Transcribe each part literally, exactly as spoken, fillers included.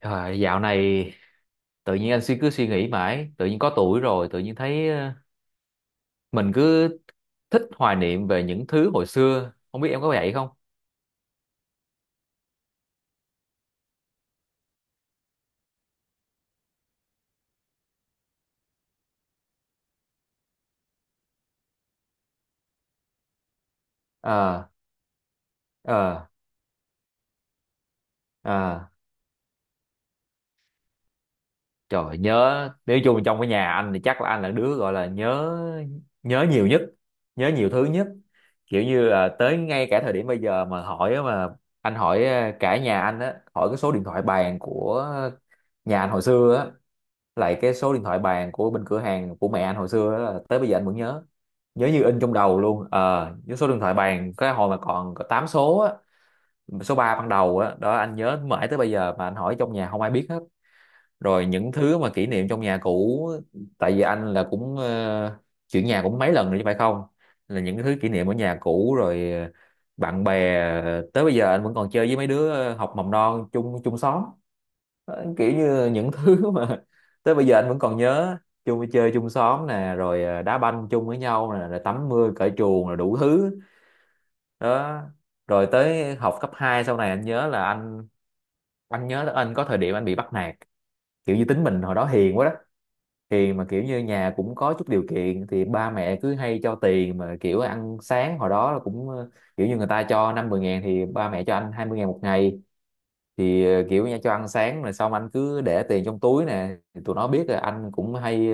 Trời, dạo này tự nhiên anh suy cứ suy nghĩ mãi, tự nhiên có tuổi rồi, tự nhiên thấy ờ, mình cứ thích hoài niệm về những thứ hồi xưa, không biết em có vậy không? Ờ, ờ, ờ, trời nhớ, nếu chung trong cái nhà anh thì chắc là anh là đứa gọi là nhớ nhớ nhiều nhất, nhớ nhiều thứ nhất. Kiểu như là tới ngay cả thời điểm bây giờ mà hỏi á, mà anh hỏi ờ, cả nhà anh á, hỏi cái số điện thoại bàn của nhà anh hồi xưa á, lại cái số điện thoại bàn của bên cửa hàng của mẹ anh hồi xưa đó là tới bây giờ anh vẫn nhớ, nhớ như in trong đầu luôn. ờ Nhớ số điện thoại bàn cái hồi mà còn có tám số á, số ba ban đầu á đó, anh nhớ mãi tới bây giờ mà anh hỏi trong nhà không ai biết hết. Rồi những thứ mà kỷ niệm trong nhà cũ, tại vì anh là cũng ờ, chuyển nhà cũng mấy lần rồi chứ phải không, là những thứ kỷ niệm ở nhà cũ rồi ờ, bạn bè ờ, tới bây giờ anh vẫn còn chơi với mấy đứa ờ, học mầm non chung, chung xóm. Ờ, kiểu như những thứ mà tới bây giờ anh vẫn còn nhớ, chung chơi chung xóm nè, rồi à, đá banh chung với nhau nè, rồi tắm mưa cởi chuồng rồi đủ thứ đó. Rồi tới học cấp hai sau này anh nhớ là anh anh nhớ là anh có thời điểm anh bị bắt nạt, kiểu như tính mình hồi đó hiền quá đó, hiền mà kiểu như nhà cũng có chút điều kiện thì ba mẹ cứ hay cho tiền mà kiểu ăn sáng hồi đó là cũng ờ, kiểu như người ta cho năm mười ngàn thì ba mẹ cho anh hai mươi ngàn một ngày, thì ờ, kiểu nha cho ăn sáng rồi xong anh cứ để tiền trong túi nè. Thì tụi nó biết là anh cũng hay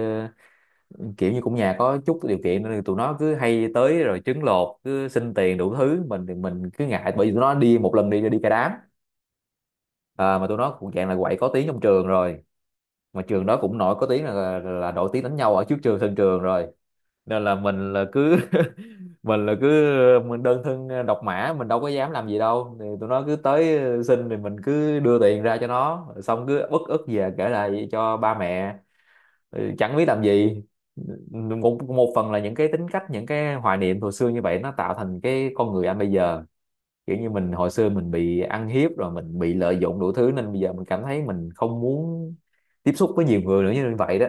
ờ, kiểu như cũng nhà có chút điều kiện nên tụi nó cứ hay tới rồi trứng lột cứ xin tiền đủ thứ, mình thì mình cứ ngại bởi vì tụi nó đi một lần đi đi cả đám. À, mà tụi nó cũng dạng là quậy có tiếng trong trường rồi, mà trường đó cũng nổi có tiếng là, là, là nổi tiếng đánh nhau ở trước trường, sân trường rồi, nên là mình là cứ mình là cứ mình đơn thân ờ, độc mã, mình đâu có dám làm gì đâu thì tụi nó cứ tới ờ, xin thì mình cứ đưa tiền ra cho nó, xong cứ ức ức về kể lại cho ba mẹ. Ừ, chẳng biết làm gì. Một, một phần là những cái tính cách, những cái hoài niệm hồi xưa như vậy nó tạo thành cái con người anh bây giờ, kiểu như mình hồi xưa mình bị ăn hiếp rồi mình bị lợi dụng đủ thứ nên bây giờ mình cảm thấy mình không muốn tiếp xúc với nhiều người nữa như vậy đó,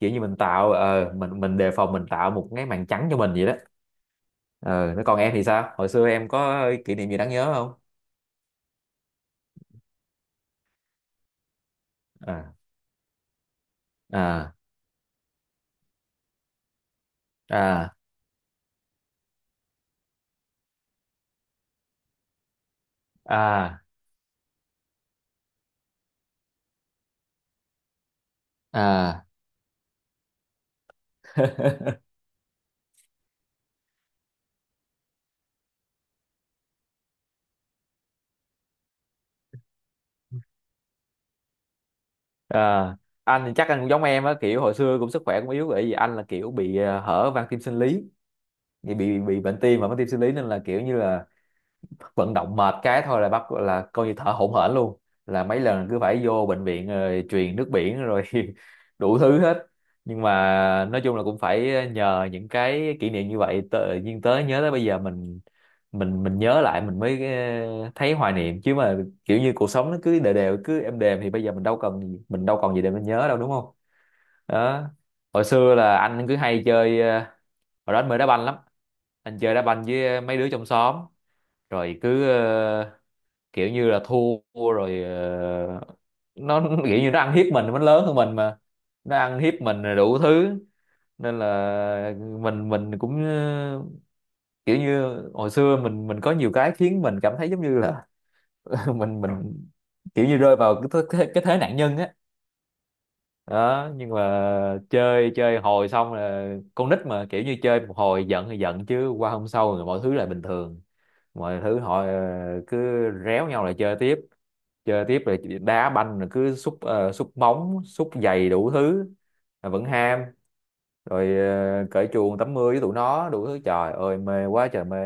kiểu như mình tạo ờ, mình mình đề phòng, mình tạo một cái màn trắng cho mình vậy đó. Ờ, nó còn em thì sao, hồi xưa em có kỷ niệm gì đáng nhớ không? À, à, à, à, à, à, anh thì chắc anh cũng giống em á, kiểu hồi xưa cũng sức khỏe cũng yếu bởi vì anh là kiểu bị ờ, hở van tim sinh lý, bị bị bị bệnh tim và van tim sinh lý nên là kiểu như là vận động mệt cái thôi là bắt là coi như thở hổn hển luôn, là mấy lần cứ phải vô bệnh viện rồi truyền nước biển rồi đủ thứ hết. Nhưng mà nói chung là cũng phải ờ, nhờ những cái kỷ niệm như vậy tự nhiên tới nhớ tới bây giờ mình mình mình nhớ lại mình mới ờ, thấy hoài niệm chứ mà, kiểu như cuộc sống nó cứ đều đều, cứ êm đềm thì bây giờ mình đâu cần gì- mình đâu còn gì để mình nhớ đâu đúng không, đó. Hồi xưa là anh cứ hay chơi ờ, hồi đó anh mê đá banh lắm, anh chơi đá banh với mấy đứa trong xóm rồi cứ ờ, kiểu như là thua rồi ờ, nó kiểu như nó ăn hiếp mình, nó lớn hơn mình mà, nó ăn hiếp mình rồi đủ thứ, nên là mình mình cũng ờ, kiểu như hồi xưa mình mình có nhiều cái khiến mình cảm thấy giống như là mình mình kiểu như rơi vào cái thế, cái thế nạn nhân á, đó. Nhưng mà chơi chơi hồi xong là con nít mà, kiểu như chơi một hồi giận thì giận chứ qua hôm sau rồi mọi thứ lại bình thường, mọi thứ họ ờ, cứ réo nhau lại chơi tiếp, chơi tiếp rồi đá banh rồi cứ xúc ờ, xúc bóng xúc giày đủ thứ mà vẫn ham. Rồi ờ, cởi chuồng tắm mưa với tụi nó đủ thứ, trời ơi mê quá trời mê.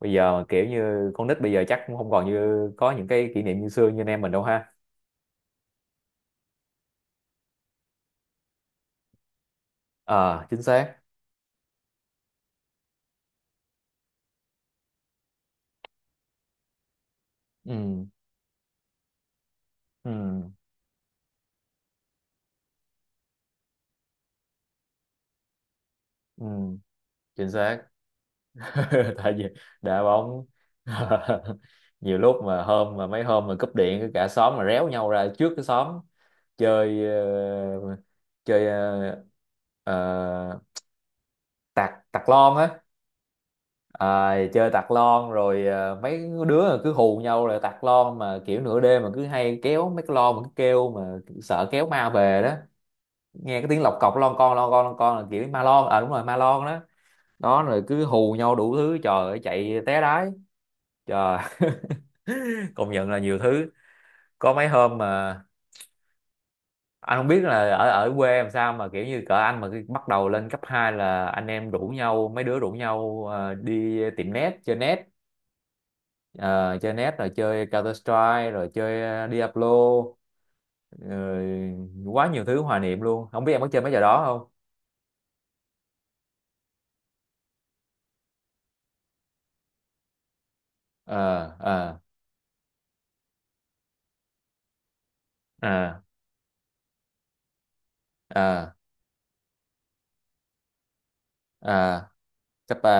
Bây giờ mà kiểu như con nít bây giờ chắc cũng không còn như có những cái kỷ niệm như xưa như anh em mình đâu ha. Ờ, chính xác. Ừ ừ ừ chính xác. Tại vì đá bóng. Nhiều lúc mà hôm mà mấy hôm mà cúp điện cả xóm mà réo nhau ra trước cái xóm chơi ờ, chơi ờ, ờ, tạc tạc lon á. À, chơi tạc lon rồi ờ, mấy đứa là cứ hù nhau là tạc lon, mà kiểu nửa đêm mà cứ hay kéo mấy cái lon mà cứ kêu mà sợ kéo ma về đó, nghe cái tiếng lọc cọc lon con lon con lon con là kiểu ma lon, à đúng rồi ma lon đó. Đó rồi cứ hù nhau đủ thứ, trời ơi chạy té đái. Trời, công nhận là nhiều thứ. Có mấy hôm mà anh không biết là ở ở quê làm sao mà kiểu như cỡ anh mà khi bắt đầu lên cấp hai là anh em rủ nhau, mấy đứa rủ nhau ờ, đi tiệm net, chơi net, Ờ, chơi net rồi chơi Counter Strike rồi chơi ờ, Diablo, rồi quá nhiều thứ hoài niệm luôn. Không biết em có chơi mấy trò đó không? Ờ ờ ờ ờ ờ cấp ba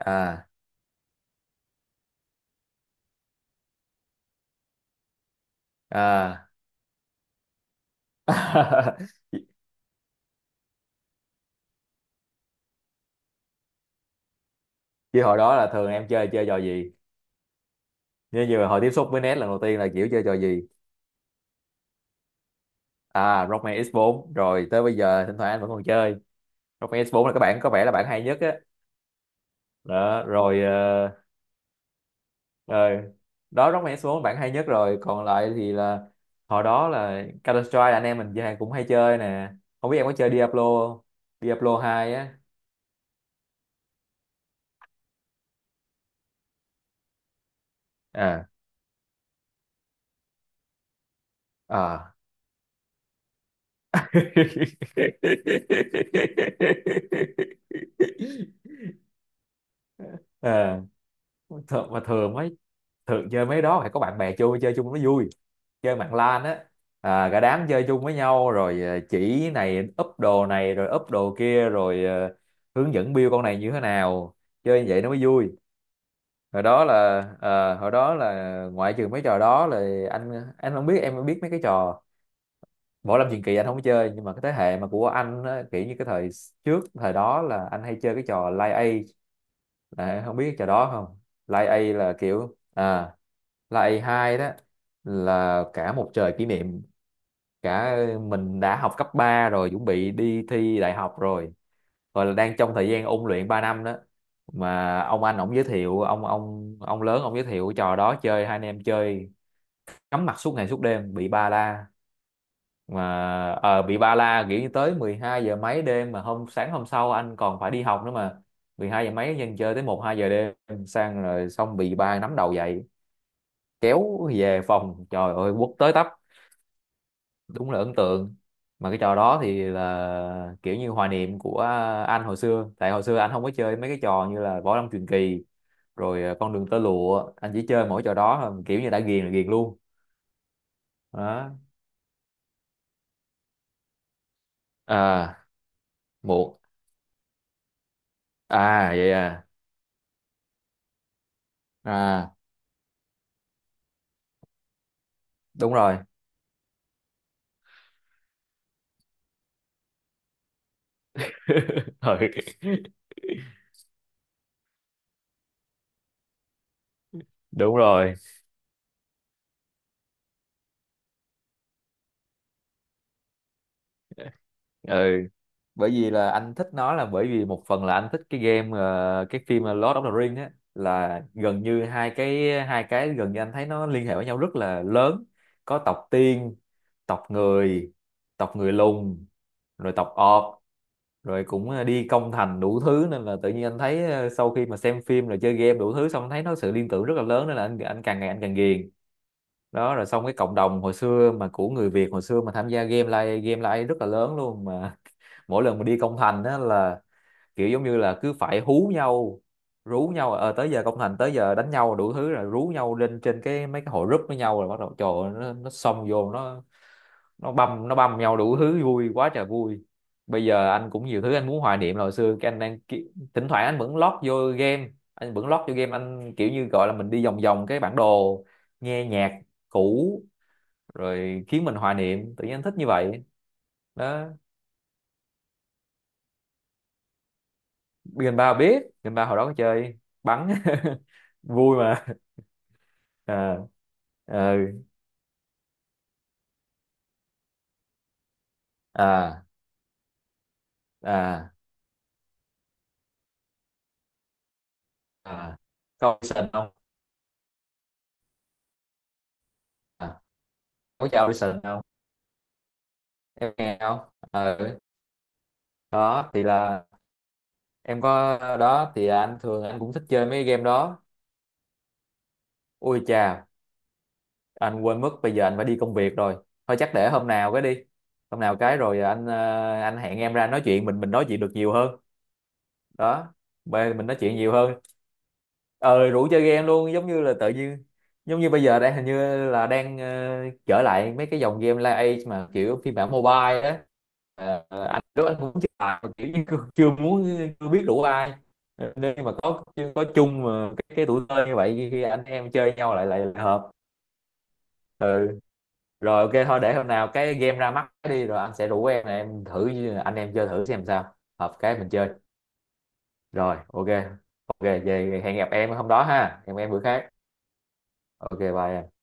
à, à. Chứ hồi đó là thường em chơi chơi trò gì? Như như hồi tiếp xúc với nét lần đầu tiên là kiểu chơi trò gì? À Rockman ích bốn rồi tới bây giờ thỉnh thoảng anh vẫn còn chơi. Rockman ích bốn là các bạn có vẻ là bạn hay nhất á, đó rồi ờ, rồi đó Rockman ích bốn là bạn hay nhất, rồi còn lại thì là hồi đó là Counter Strike là anh em mình chơi cũng hay chơi nè, không biết em có chơi Diablo không? Diablo hai á, à, à, à, thường, mà thường mấy, thường chơi mấy đó phải có bạn bè chơi, chơi chung nó vui, chơi mạng LAN á, à, cả đám chơi chung với nhau rồi ờ, chỉ này, úp đồ này rồi úp đồ kia rồi ờ, hướng dẫn build con này như thế nào, chơi như vậy nó mới vui. Hồi đó là ờ, hồi đó là ngoại trừ mấy trò đó là anh anh không biết em biết mấy cái trò võ lâm truyền kỳ, anh không có chơi, nhưng mà cái thế hệ mà của anh á, kiểu như cái thời trước, thời đó là anh hay chơi cái trò Lai A. Đấy, không biết trò đó không? Line A là kiểu à, Line a hai đó, là cả một trời kỷ niệm, cả mình đã học cấp ba rồi, chuẩn bị đi thi đại học rồi, gọi là đang trong thời gian ôn luyện ba năm đó. Mà ông anh ổng giới thiệu, ông ông ông lớn ông giới thiệu trò đó chơi, hai anh em chơi cắm mặt suốt ngày suốt đêm bị ba la mà, ờ, bị ba la kiểu như tới mười hai giờ mấy đêm mà hôm sáng hôm sau anh còn phải đi học nữa mà, mười hai giờ mấy dân chơi tới một hai giờ đêm sang rồi, xong bị ba nắm đầu dậy kéo về phòng, trời ơi quất tới tấp, đúng là ấn tượng. Mà cái trò đó thì là kiểu như hoài niệm của anh hồi xưa, tại hồi xưa anh không có chơi mấy cái trò như là võ lâm truyền kỳ rồi ờ, con đường tơ lụa, anh chỉ chơi mỗi trò đó thôi, kiểu như đã ghiền là ghiền luôn. Đó. À muộn. À vậy à. À đúng rồi. Ừ. Đúng rồi. Ừ, bởi vì là anh thích nó là bởi vì một phần là anh thích cái game ờ, cái phim Lord of the Rings á, là gần như hai cái hai cái gần như anh thấy nó liên hệ với nhau rất là lớn, có tộc tiên, tộc người, tộc người lùn rồi tộc orc rồi cũng ờ, đi công thành đủ thứ, nên là tự nhiên anh thấy ờ, sau khi mà xem phim rồi chơi game đủ thứ xong anh thấy nó sự liên tưởng rất là lớn, nên là anh anh càng ngày anh càng ghiền. Đó rồi xong cái cộng đồng hồi xưa mà của người Việt hồi xưa mà tham gia game live, game live rất là lớn luôn mà. Mỗi lần mà đi công thành á là kiểu giống như là cứ phải hú nhau, rú nhau ờ tới giờ công thành, tới giờ đánh nhau đủ thứ rồi rú nhau lên trên cái mấy cái hội group với nhau rồi bắt đầu trời ơi, nó nó xông vô, nó nó băm nó băm nhau đủ thứ, vui quá trời vui. Bây giờ anh cũng nhiều thứ anh muốn hoài niệm là hồi xưa cái anh đang ki-, thỉnh thoảng anh vẫn lót vô game, anh vẫn lót vô game anh kiểu như gọi là mình đi vòng vòng cái bản đồ, nghe nhạc cũ rồi khiến mình hoài niệm, tự nhiên anh thích như vậy. Đó, gần ba biết, gần ba hồi đó có chơi bắn. Vui mà. À, ờ, à, à, à, có Wilson không, à, có chào Wilson không, em nghe không? Ờ, đó thì là em có, đó thì anh thường anh cũng thích chơi mấy game đó. Ui chà, anh quên mất bây giờ anh phải đi công việc rồi, thôi chắc để hôm nào cái đi, hôm nào cái rồi anh ờ, anh hẹn em ra nói chuyện, mình mình nói chuyện được nhiều hơn. Đó, về mình nói chuyện nhiều hơn, ờ rủ chơi game luôn giống như là tự nhiên, giống như bây giờ đang hình như là đang ờ, trở lại mấy cái dòng game live age mà kiểu phiên bản mobile á. Ờ, anh đó anh cũng chưa làm mà kiểu như chưa, chưa muốn, chưa biết rủ ai. Ờ, nên mà có có chung mà cái, cái tuổi thơ như vậy khi anh em chơi nhau lại, lại, hợp. Ừ. Rồi ok thôi, để hôm nào cái game ra mắt đi rồi anh sẽ rủ em em thử, anh em chơi thử xem sao, hợp cái mình chơi. Rồi ok. Ok về, hẹn gặp em hôm đó ha, hẹn em bữa khác. Ok bye em.